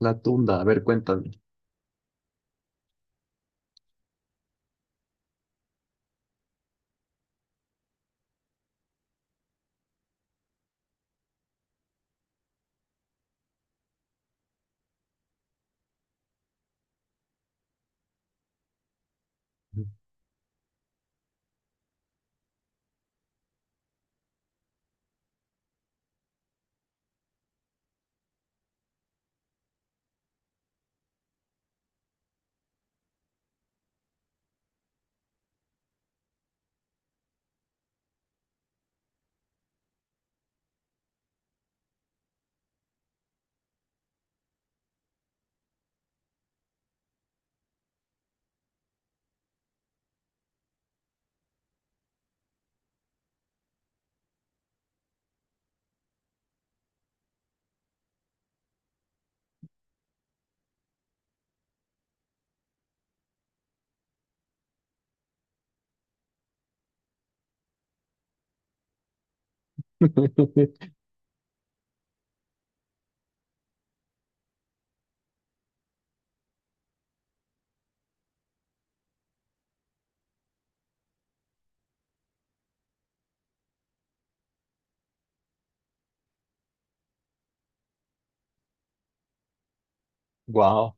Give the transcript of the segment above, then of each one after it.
La tunda, a ver, cuéntame. Wow.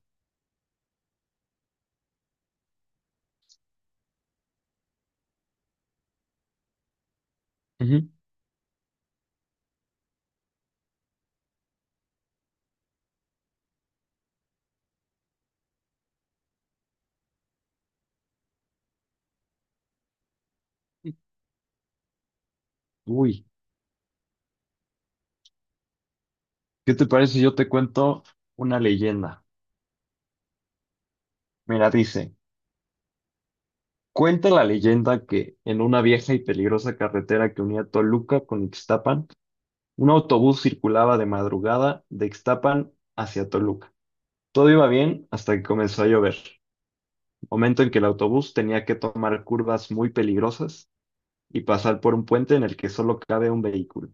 Uy, ¿qué te parece si yo te cuento una leyenda? Mira, dice, cuenta la leyenda que en una vieja y peligrosa carretera que unía Toluca con Ixtapan, un autobús circulaba de madrugada de Ixtapan hacia Toluca. Todo iba bien hasta que comenzó a llover, momento en que el autobús tenía que tomar curvas muy peligrosas y pasar por un puente en el que solo cabe un vehículo.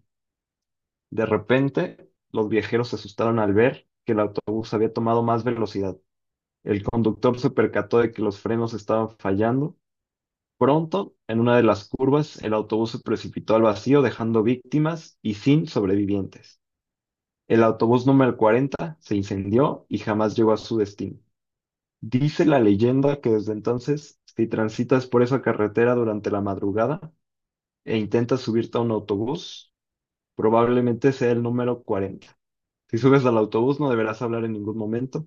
De repente, los viajeros se asustaron al ver que el autobús había tomado más velocidad. El conductor se percató de que los frenos estaban fallando. Pronto, en una de las curvas, el autobús se precipitó al vacío, dejando víctimas y sin sobrevivientes. El autobús número 40 se incendió y jamás llegó a su destino. Dice la leyenda que desde entonces, si transitas por esa carretera durante la madrugada e intentas subirte a un autobús, probablemente sea el número 40. Si subes al autobús, no deberás hablar en ningún momento.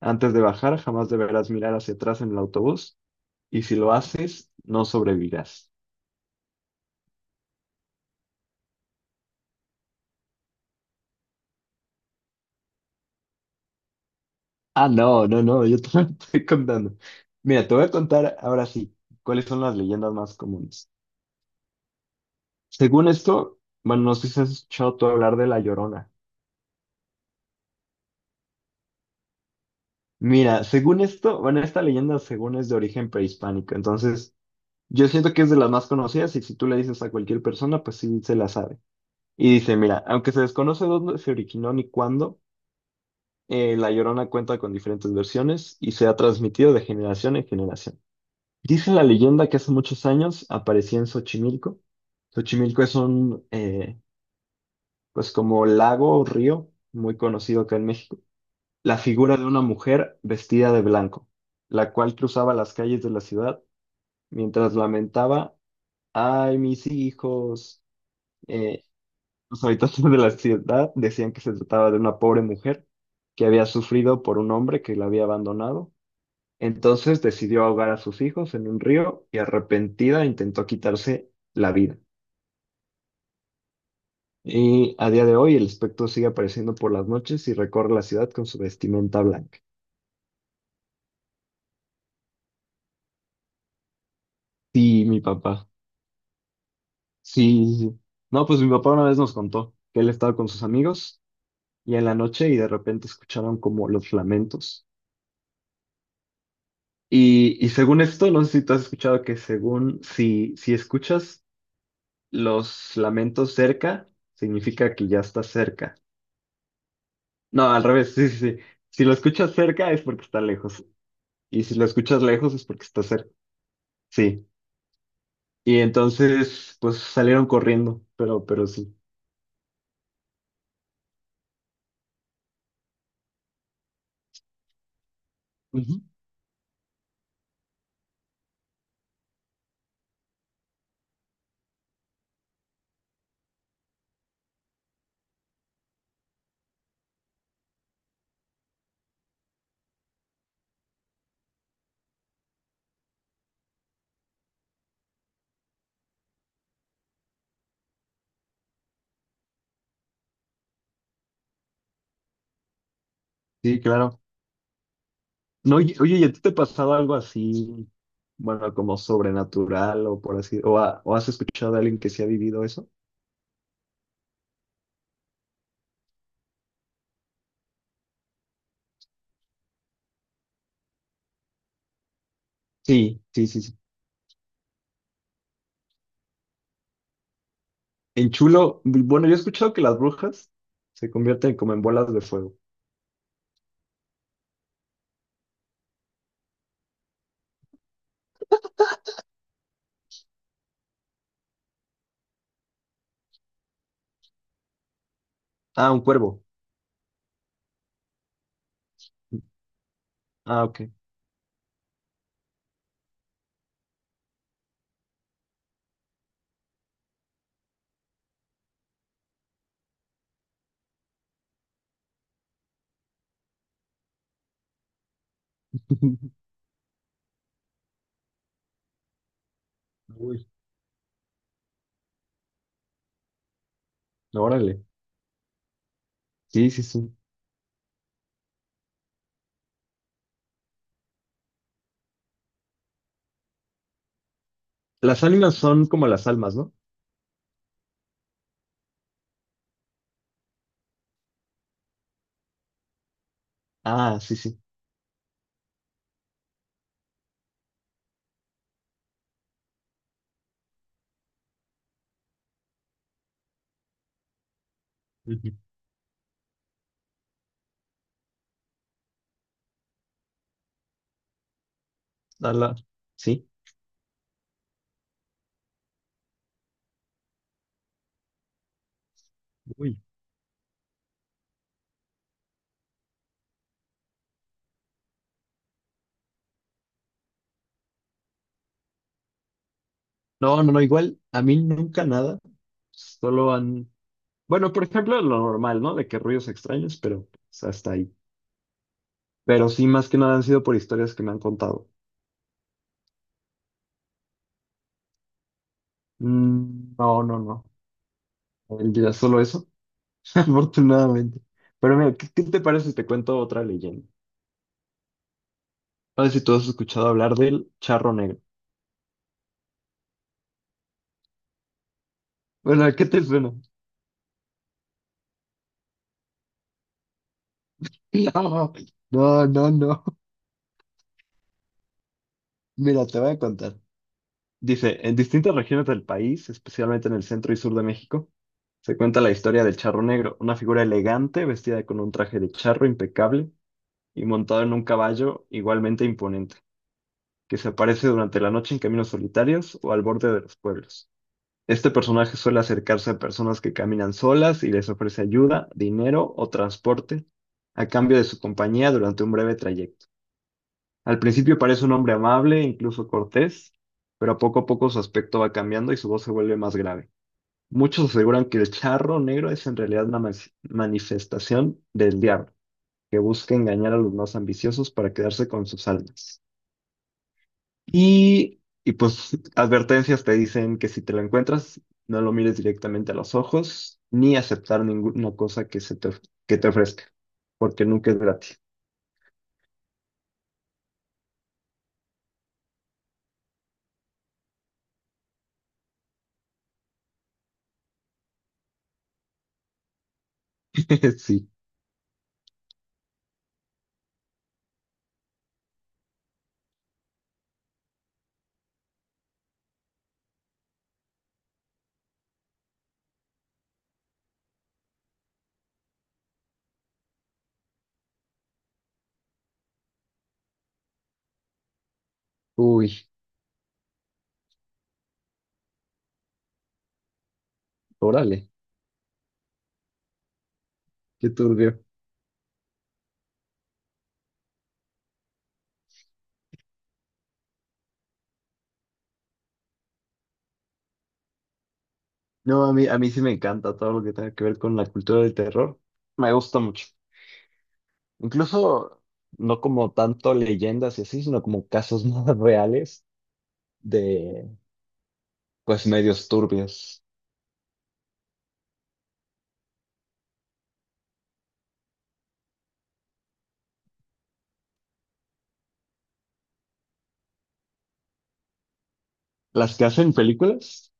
Antes de bajar, jamás deberás mirar hacia atrás en el autobús. Y si lo haces, no sobrevivirás. Ah, no, no, no, yo te estoy contando. Mira, te voy a contar ahora sí cuáles son las leyendas más comunes. Según esto, bueno, no sé si has escuchado tú hablar de La Llorona. Mira, según esto, bueno, esta leyenda según es de origen prehispánico. Entonces, yo siento que es de las más conocidas y si tú le dices a cualquier persona, pues sí se la sabe. Y dice, mira, aunque se desconoce dónde se originó ni cuándo, La Llorona cuenta con diferentes versiones y se ha transmitido de generación en generación. Dice la leyenda que hace muchos años aparecía en Xochimilco. Xochimilco es un, pues como lago o río muy conocido acá en México. La figura de una mujer vestida de blanco, la cual cruzaba las calles de la ciudad mientras lamentaba, ay, mis hijos, eh, los habitantes de la ciudad decían que se trataba de una pobre mujer que había sufrido por un hombre que la había abandonado. Entonces decidió ahogar a sus hijos en un río y arrepentida intentó quitarse la vida. Y a día de hoy el espectro sigue apareciendo por las noches y recorre la ciudad con su vestimenta blanca. Sí, mi papá. Sí, sí, sí. No, pues mi papá una vez nos contó que él estaba con sus amigos y en la noche y de repente escucharon como los lamentos. Y según esto, no sé si tú has escuchado que según si escuchas los lamentos cerca, significa que ya estás cerca. No, al revés, sí, sí, sí. Si lo escuchas cerca es porque está lejos. Y si lo escuchas lejos es porque está cerca. Sí. Y entonces, pues salieron corriendo, pero sí. Ujú. Sí, claro. No, oye, oye, ¿y a ti te ha pasado algo así, bueno, como sobrenatural o por así, o, o has escuchado a alguien que sí ha vivido eso? Sí, sí, sí, sí. En chulo, bueno, yo he escuchado que las brujas se convierten como en bolas de fuego. Ah, un cuervo. Ah, ok. Uy, órale. Sí, sí, sí. Las ánimas son como las almas, ¿no? Ah, sí, sí. Ujú. Ala, sí. Uy. No, no, no, igual a mí nunca nada. Solo han. Bueno, por ejemplo, lo normal, ¿no? De que ruidos extraños, pero pues, hasta ahí. Pero sí, más que nada han sido por historias que me han contado. Mm, no, no, no. El día solo eso. Afortunadamente. Pero mira, ¿Qué te parece si te cuento otra leyenda? A ver si tú has escuchado hablar del charro negro. Bueno, ¿qué te suena? No, no, no, no. Mira, te voy a contar. Dice, en distintas regiones del país, especialmente en el centro y sur de México, se cuenta la historia del charro negro, una figura elegante vestida con un traje de charro impecable y montado en un caballo igualmente imponente, que se aparece durante la noche en caminos solitarios o al borde de los pueblos. Este personaje suele acercarse a personas que caminan solas y les ofrece ayuda, dinero o transporte a cambio de su compañía durante un breve trayecto. Al principio parece un hombre amable, incluso cortés, pero poco a poco su aspecto va cambiando y su voz se vuelve más grave. Muchos aseguran que el charro negro es en realidad una manifestación del diablo, que busca engañar a los más ambiciosos para quedarse con sus almas. Y pues advertencias te dicen que si te lo encuentras, no lo mires directamente a los ojos, ni aceptar ninguna cosa que se te, que te ofrezca, porque nunca es gratis. Sí. Uy, órale, qué turbio. No, a mí sí me encanta todo lo que tenga que ver con la cultura del terror. Me gusta mucho. Incluso no como tanto leyendas y así, sino como casos más reales de, pues, medios turbios. Las que hacen películas,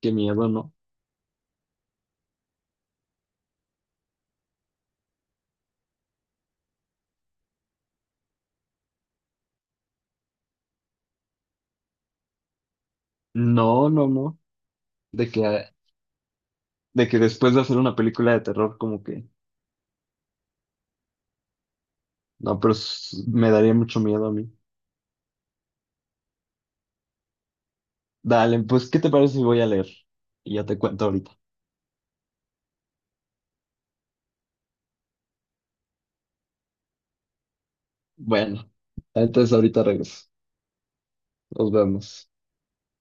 qué miedo, ¿no? No, no, no. De que, de que después de hacer una película de terror, como que, no, pero s- me daría mucho miedo a mí. Dale, pues, ¿qué te parece si voy a leer? Y ya te cuento ahorita. Bueno, entonces ahorita regreso. Nos vemos.